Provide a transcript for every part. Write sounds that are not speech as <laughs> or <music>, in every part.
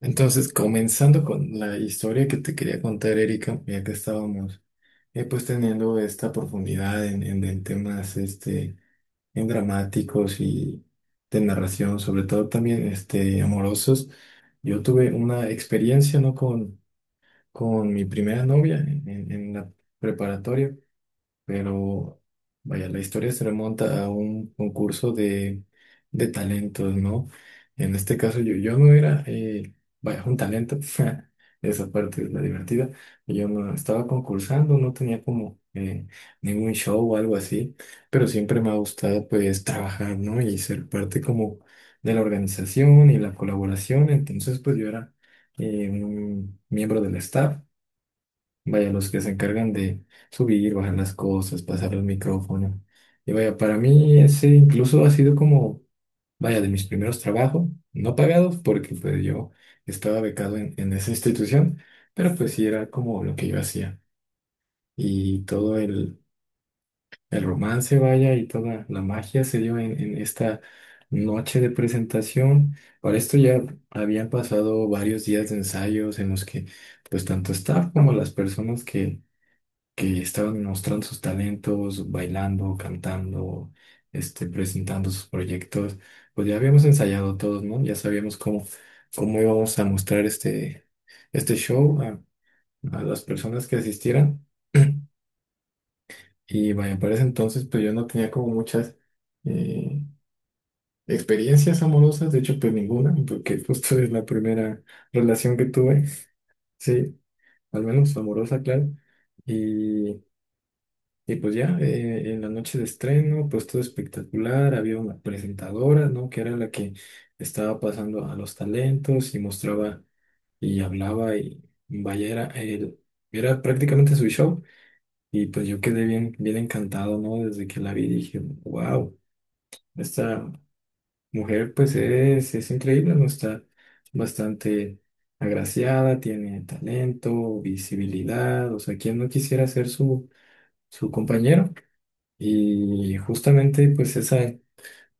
Entonces, comenzando con la historia que te quería contar, Erika, ya que estábamos pues teniendo esta profundidad en temas en dramáticos y de narración, sobre todo también amorosos, yo tuve una experiencia, ¿no? Con mi primera novia en la preparatoria. Pero vaya, la historia se remonta a un concurso de talentos, ¿no? En este caso yo no era, vaya, un talento. <laughs> Esa parte es la divertida. Yo no estaba concursando, no tenía como ningún show o algo así, pero siempre me ha gustado pues trabajar, ¿no? Y ser parte como de la organización y la colaboración. Entonces pues yo era un miembro del staff. Vaya, los que se encargan de subir, bajar las cosas, pasar los micrófonos. Y vaya, para mí ese incluso ha sido como, vaya, de mis primeros trabajos, no pagados, porque pues yo estaba becado en esa institución, pero pues sí era como lo que yo hacía. Y todo el romance, vaya, y toda la magia se dio en esta noche de presentación. Para esto ya habían pasado varios días de ensayos en los que pues tanto staff como las personas que estaban mostrando sus talentos, bailando, cantando, presentando sus proyectos. Pues ya habíamos ensayado todos, ¿no? Ya sabíamos cómo, cómo íbamos a mostrar este show a las personas que asistieran. Y vaya, para ese entonces, pues yo no tenía como muchas eh, experiencias amorosas. De hecho, pues ninguna, porque <laughs> justo es la primera relación que tuve, sí, al menos amorosa, claro. Y, y pues ya, en la noche de estreno, pues todo espectacular. Había una presentadora, ¿no? Que era la que estaba pasando a los talentos y mostraba y hablaba y vaya, era prácticamente su show. Y pues yo quedé bien, bien encantado, ¿no? Desde que la vi dije, wow, esta mujer pues es increíble, ¿no? Está bastante agraciada, tiene talento, visibilidad, o sea, ¿quién no quisiera ser su, su compañero? Y justamente pues esa,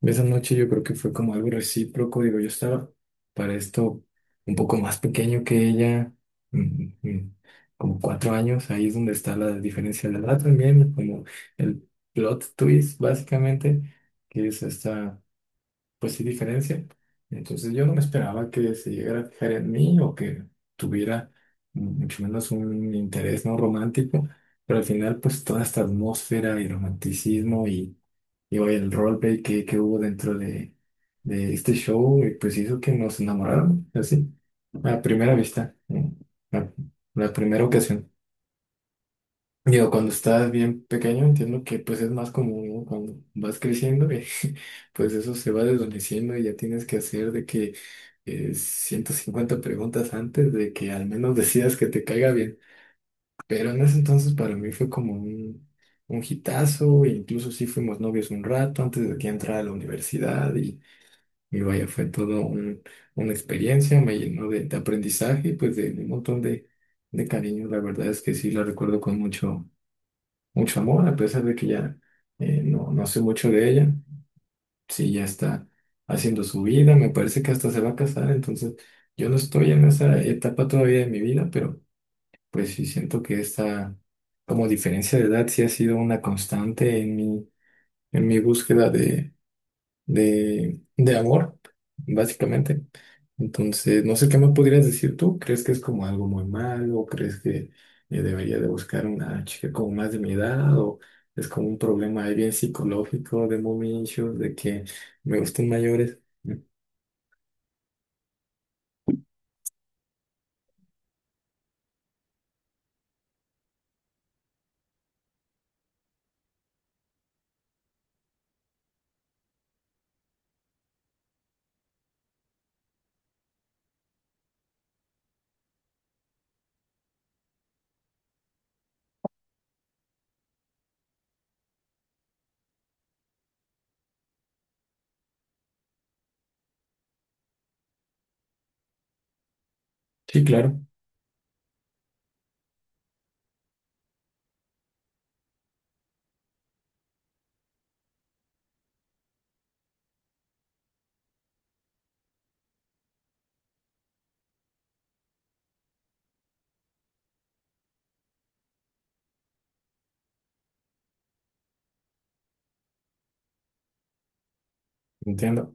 esa noche yo creo que fue como algo recíproco. Digo, yo estaba para esto un poco más pequeño que ella, mm, mm, como cuatro años. Ahí es donde está la diferencia de edad también, como el plot twist básicamente, que es esta, pues sí, diferencia. Entonces yo no me esperaba que se llegara a fijar en mí o que tuviera, mucho menos un interés no romántico. Pero al final, pues toda esta atmósfera y romanticismo y vaya, el roleplay que hubo dentro de este show, pues hizo que nos enamoráramos, así, a primera vista, ¿no? la, la primera ocasión. Digo, cuando estás bien pequeño, entiendo que pues es más común, ¿no? Cuando vas creciendo, <laughs> pues eso se va desvaneciendo y ya tienes que hacer de que 150 preguntas antes de que al menos <laughs> decidas que te caiga bien. Pero en ese entonces para mí fue como un hitazo, e incluso sí fuimos novios un rato antes de que entrara a la universidad y vaya, una experiencia. Me llenó de aprendizaje y pues de un montón de cariño. La verdad es que sí la recuerdo con mucho, mucho amor, a pesar de que ya no, no sé mucho de ella. Sí, ya está haciendo su vida, me parece que hasta se va a casar. Entonces yo no estoy en esa etapa todavía de mi vida, pero… Pues sí, siento que esta como diferencia de edad sí ha sido una constante en mi búsqueda de amor, básicamente. Entonces, no sé qué me podrías decir tú. ¿Crees que es como algo muy malo? ¿Crees que debería de buscar una chica como más de mi edad? ¿O es como un problema ahí bien psicológico de mommy issues, de que me gustan mayores? Sí, claro, entiendo.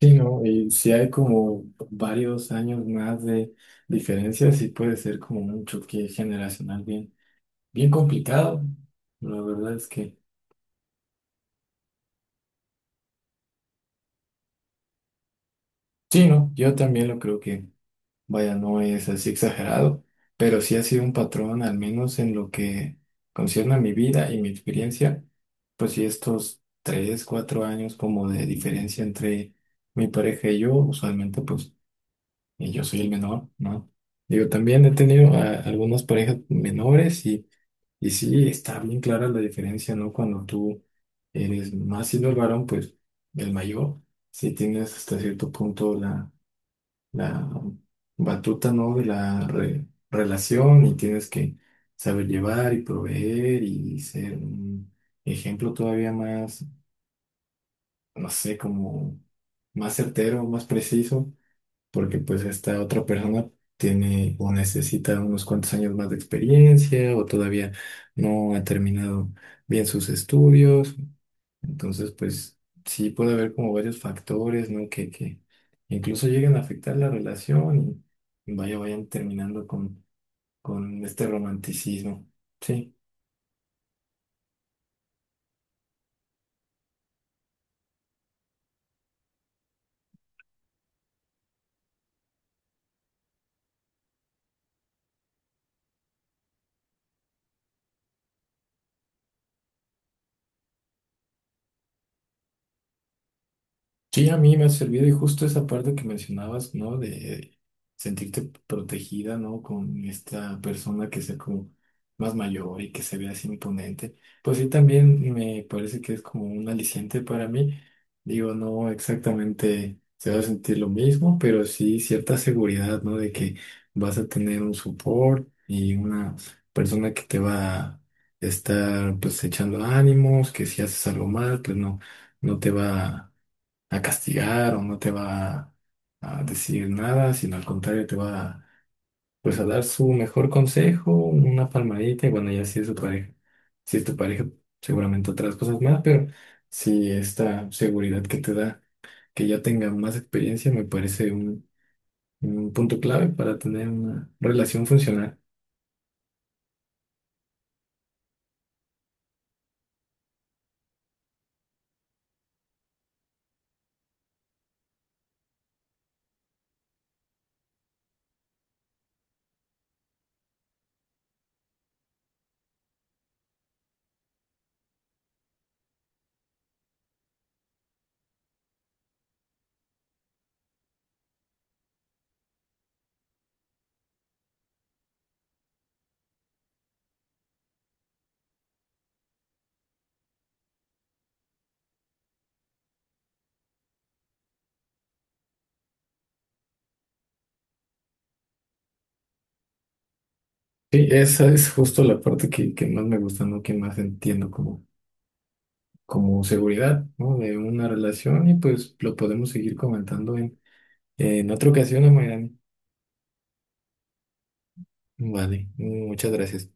Sí, ¿no? Y si hay como varios años más de diferencia, sí puede ser como un choque generacional bien, bien complicado. La verdad es que sí, ¿no? Yo también lo creo que, vaya, no es así exagerado, pero sí ha sido un patrón, al menos en lo que concierne a mi vida y mi experiencia. Pues sí estos tres, cuatro años como de diferencia entre mi pareja y yo, usualmente pues y yo soy el menor, ¿no? Digo, también he tenido algunas parejas menores y sí, está bien clara la diferencia, ¿no? Cuando tú eres más siendo el varón, pues el mayor, sí tienes hasta cierto punto la, la batuta, ¿no? De relación. Y tienes que saber llevar y proveer y ser un ejemplo todavía más, no sé, como más certero, más preciso, porque pues esta otra persona tiene o necesita unos cuantos años más de experiencia o todavía no ha terminado bien sus estudios. Entonces, pues sí puede haber como varios factores, ¿no? Que incluso lleguen a afectar la relación y vaya, vayan terminando con este romanticismo. Sí. Sí, a mí me ha servido, y justo esa parte que mencionabas, ¿no? De sentirte protegida, ¿no? Con esta persona que sea como más mayor y que se vea así imponente. Pues sí, también me parece que es como un aliciente para mí. Digo, no exactamente se va a sentir lo mismo, pero sí cierta seguridad, ¿no? De que vas a tener un support y una persona que te va a estar pues echando ánimos, que si haces algo mal, pues no, no te va a castigar o no te va a decir nada, sino al contrario, te va pues a dar su mejor consejo, una palmadita y bueno, ya si es tu pareja. Si es tu pareja, seguramente otras cosas más, pero si esta seguridad que te da, que ya tenga más experiencia, me parece un punto clave para tener una relación funcional. Sí, esa es justo la parte que más me gusta, ¿no? Que más entiendo como, como seguridad, ¿no? De una relación. Y pues lo podemos seguir comentando en otra ocasión, Amairani. Vale, muchas gracias.